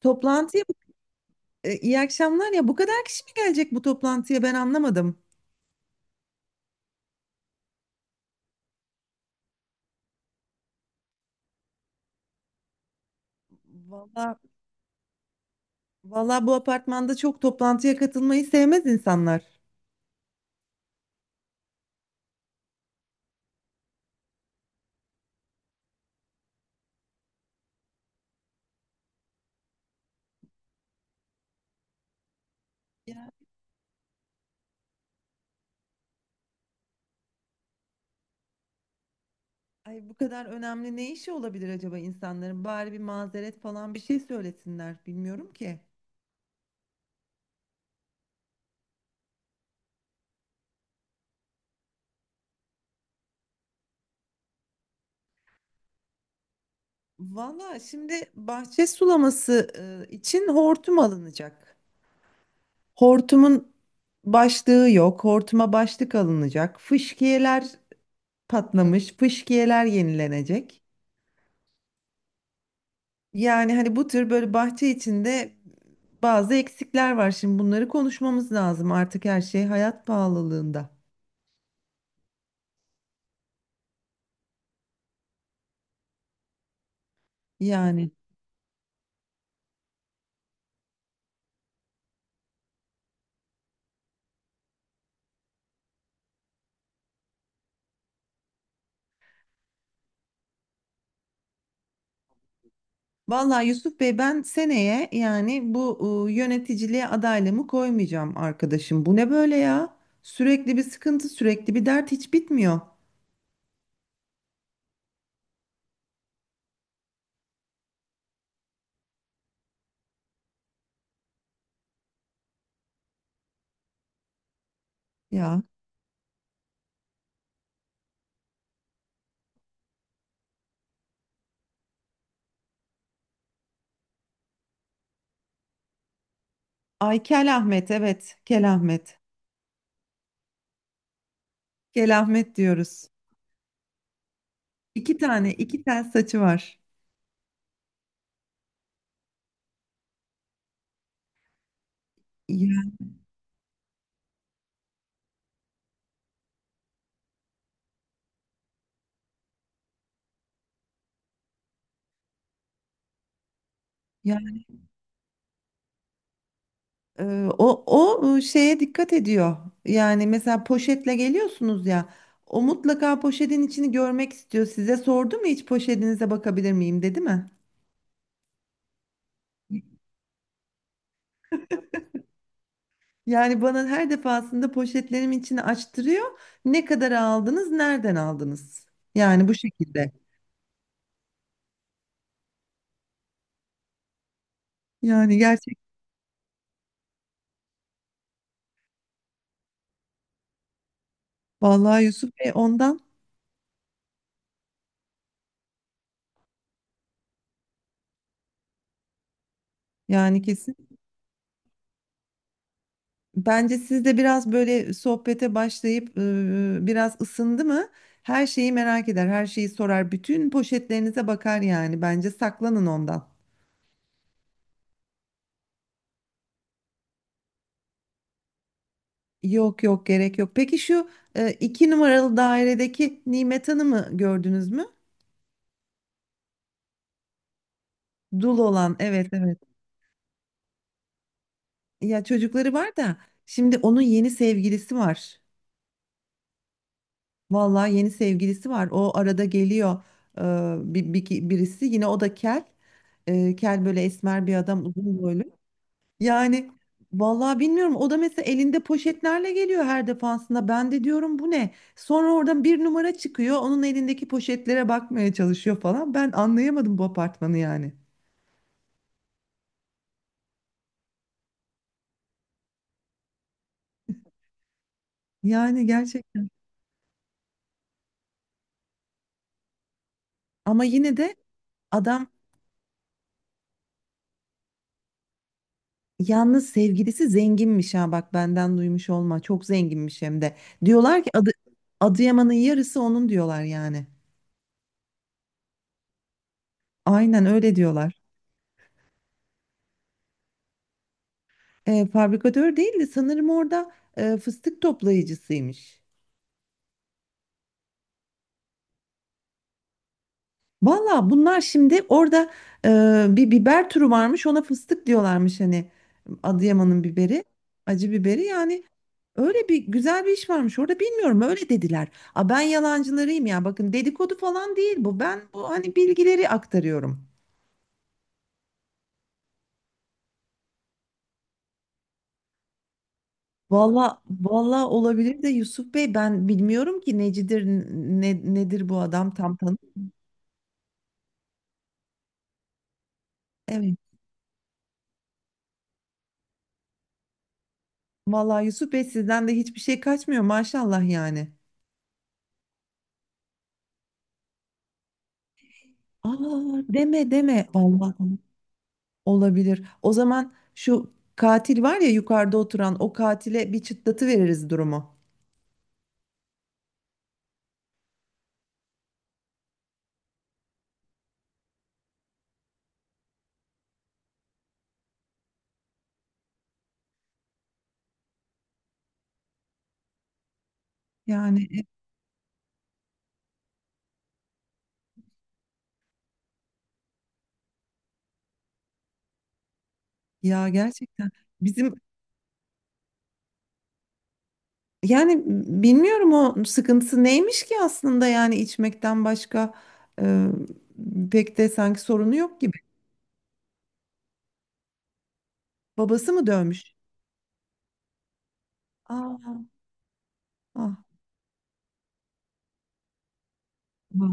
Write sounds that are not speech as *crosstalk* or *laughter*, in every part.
Toplantıya iyi akşamlar ya bu kadar kişi mi gelecek bu toplantıya ben anlamadım. Valla valla bu apartmanda çok toplantıya katılmayı sevmez insanlar. Ya ay bu kadar önemli ne işi olabilir acaba insanların? Bari bir mazeret falan bir şey söylesinler bilmiyorum ki. Valla şimdi bahçe sulaması için hortum alınacak. Hortumun başlığı yok. Hortuma başlık alınacak. Fışkiyeler patlamış. Fışkiyeler yenilenecek. Yani hani bu tür böyle bahçe içinde bazı eksikler var. Şimdi bunları konuşmamız lazım, artık her şey hayat pahalılığında. Yani vallahi Yusuf Bey, ben seneye yani bu yöneticiliğe adaylığımı koymayacağım arkadaşım. Bu ne böyle ya? Sürekli bir sıkıntı, sürekli bir dert, hiç bitmiyor. Ya. Ay Kel Ahmet, evet Kel Ahmet. Kel Ahmet diyoruz. 2 tane, 2 tel saçı var. Ya. O şeye dikkat ediyor. Yani mesela poşetle geliyorsunuz ya. O mutlaka poşetin içini görmek istiyor. Size sordu mu hiç poşetinize bakabilir miyim dedi mi? Yani bana her defasında poşetlerim içini açtırıyor. Ne kadar aldınız, nereden aldınız? Yani bu şekilde. Yani gerçek. Vallahi Yusuf Bey, ondan yani kesin. Bence siz de biraz böyle sohbete başlayıp biraz ısındı mı? Her şeyi merak eder, her şeyi sorar, bütün poşetlerinize bakar yani. Bence saklanın ondan. Yok yok, gerek yok. Peki şu 2 numaralı dairedeki Nimet Hanım'ı gördünüz mü? Dul olan, evet evet. Ya çocukları var da şimdi onun yeni sevgilisi var. Vallahi yeni sevgilisi var. O arada geliyor, e, birisi yine, o da kel. E, kel böyle esmer bir adam, uzun boylu. Yani vallahi bilmiyorum, o da mesela elinde poşetlerle geliyor her defasında. Ben de diyorum bu ne? Sonra oradan bir numara çıkıyor. Onun elindeki poşetlere bakmaya çalışıyor falan. Ben anlayamadım bu apartmanı yani. Yani gerçekten, ama yine de adam yalnız, sevgilisi zenginmiş, ha bak benden duymuş olma. Çok zenginmiş hem de. Diyorlar ki adı, Adıyaman'ın yarısı onun diyorlar yani. Aynen öyle diyorlar. E, fabrikatör değil de sanırım orada fıstık toplayıcısıymış. Valla bunlar şimdi orada bir biber türü varmış, ona fıstık diyorlarmış hani, Adıyaman'ın biberi, acı biberi yani, öyle bir güzel bir iş varmış orada, bilmiyorum öyle dediler. A ben yalancılarıyım ya, bakın dedikodu falan değil bu, ben bu hani bilgileri aktarıyorum. Valla valla olabilir de Yusuf Bey, ben bilmiyorum ki necidir, nedir bu adam tam tanı. Evet, valla Yusuf Bey sizden de hiçbir şey kaçmıyor maşallah yani. Aa, deme deme vallahi. Olabilir. O zaman şu katil var ya, yukarıda oturan, o katile bir çıtlatı veririz durumu. Yani ya gerçekten bizim yani bilmiyorum o sıkıntısı neymiş ki aslında, yani içmekten başka e, pek de sanki sorunu yok gibi. Babası mı dövmüş? Aa, ah, ah. Hı hı.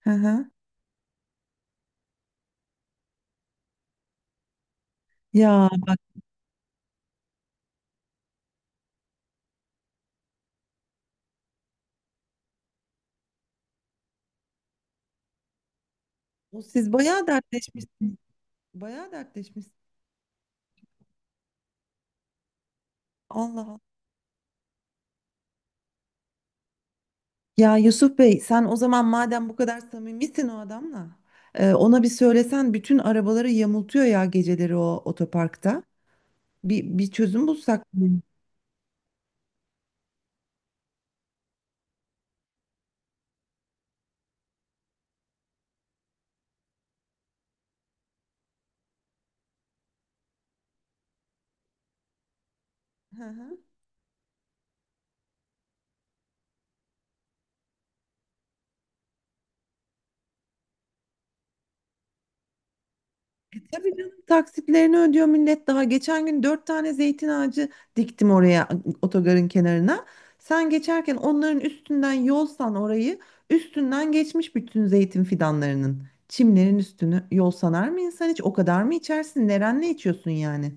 Hı hı. Ya bak, o siz bayağı dertleşmişsiniz. Bayağı dertleşmişsiniz. Allah Allah. Ya Yusuf Bey, sen o zaman madem bu kadar samimisin o adamla, ona bir söylesen, bütün arabaları yamultuyor ya geceleri o otoparkta. Bir çözüm bulsak mı? Hı hı. Tabii canım, taksitlerini ödüyor millet daha. Geçen gün 4 tane zeytin ağacı diktim oraya, otogarın kenarına. Sen geçerken onların üstünden yolsan orayı, üstünden geçmiş bütün zeytin fidanlarının. Çimlerin üstünü yol sanar mı insan hiç? O kadar mı içersin? Nerenle içiyorsun yani?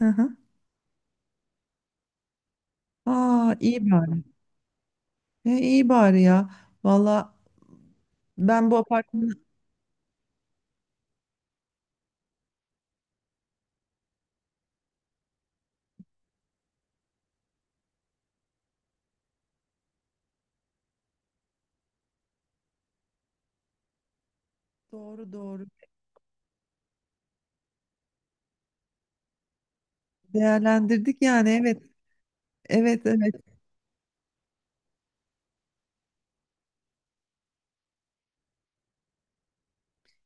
Hı hı. Aa iyi bari. E, iyi bari ya. Valla ben bu apartmanı, doğru doğru, değerlendirdik yani, evet. Evet evet.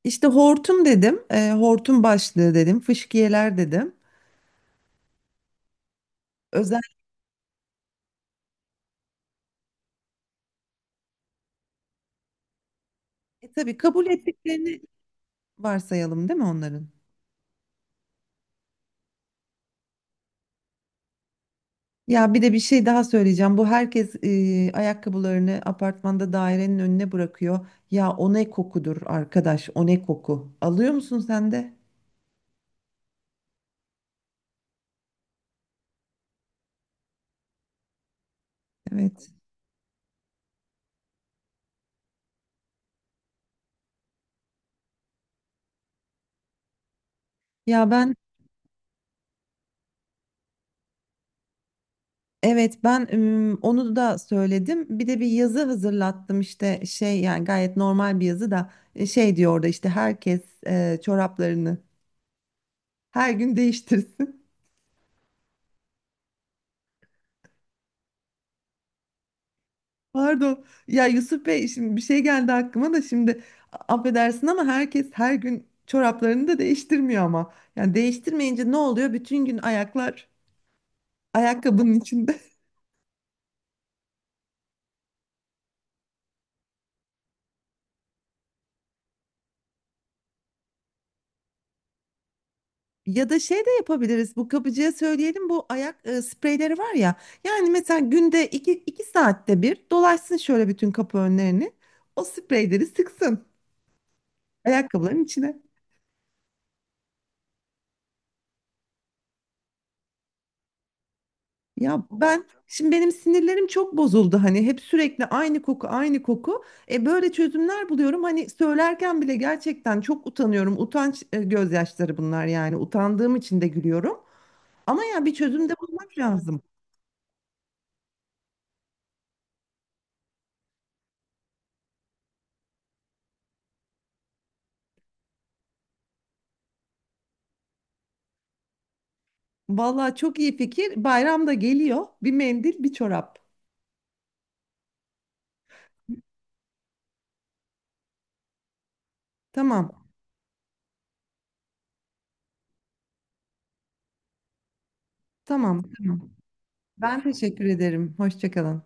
İşte hortum dedim, hortum başlığı dedim, fıskiyeler dedim. Özellikle tabii kabul ettiklerini varsayalım, değil mi onların? Ya bir de bir şey daha söyleyeceğim. Bu herkes ayakkabılarını apartmanda dairenin önüne bırakıyor. Ya o ne kokudur arkadaş, o ne koku. Alıyor musun sen de? Evet. Ya ben, evet ben onu da söyledim. Bir de bir yazı hazırlattım işte, şey yani gayet normal bir yazı da, şey diyor orada işte, herkes çoraplarını her gün değiştirsin. *laughs* Pardon. Ya Yusuf Bey şimdi bir şey geldi aklıma da, şimdi affedersin ama herkes her gün çoraplarını da değiştirmiyor ama. Yani değiştirmeyince ne oluyor? Bütün gün ayaklar ayakkabının içinde. *laughs* Ya da şey de yapabiliriz. Bu kapıcıya söyleyelim, bu ayak spreyleri var ya. Yani mesela günde, 2 saatte bir dolaşsın şöyle bütün kapı önlerini. O spreyleri sıksın ayakkabıların içine. Ya ben şimdi, benim sinirlerim çok bozuldu hani, hep sürekli aynı koku aynı koku. E böyle çözümler buluyorum, hani söylerken bile gerçekten çok utanıyorum. Utanç gözyaşları bunlar yani, utandığım için de gülüyorum. Ama ya bir çözüm de bulmak lazım. Vallahi çok iyi fikir. Bayram da geliyor. Bir mendil, bir çorap. Tamam. Tamam. Tamam. Ben teşekkür ederim. Hoşça kalın.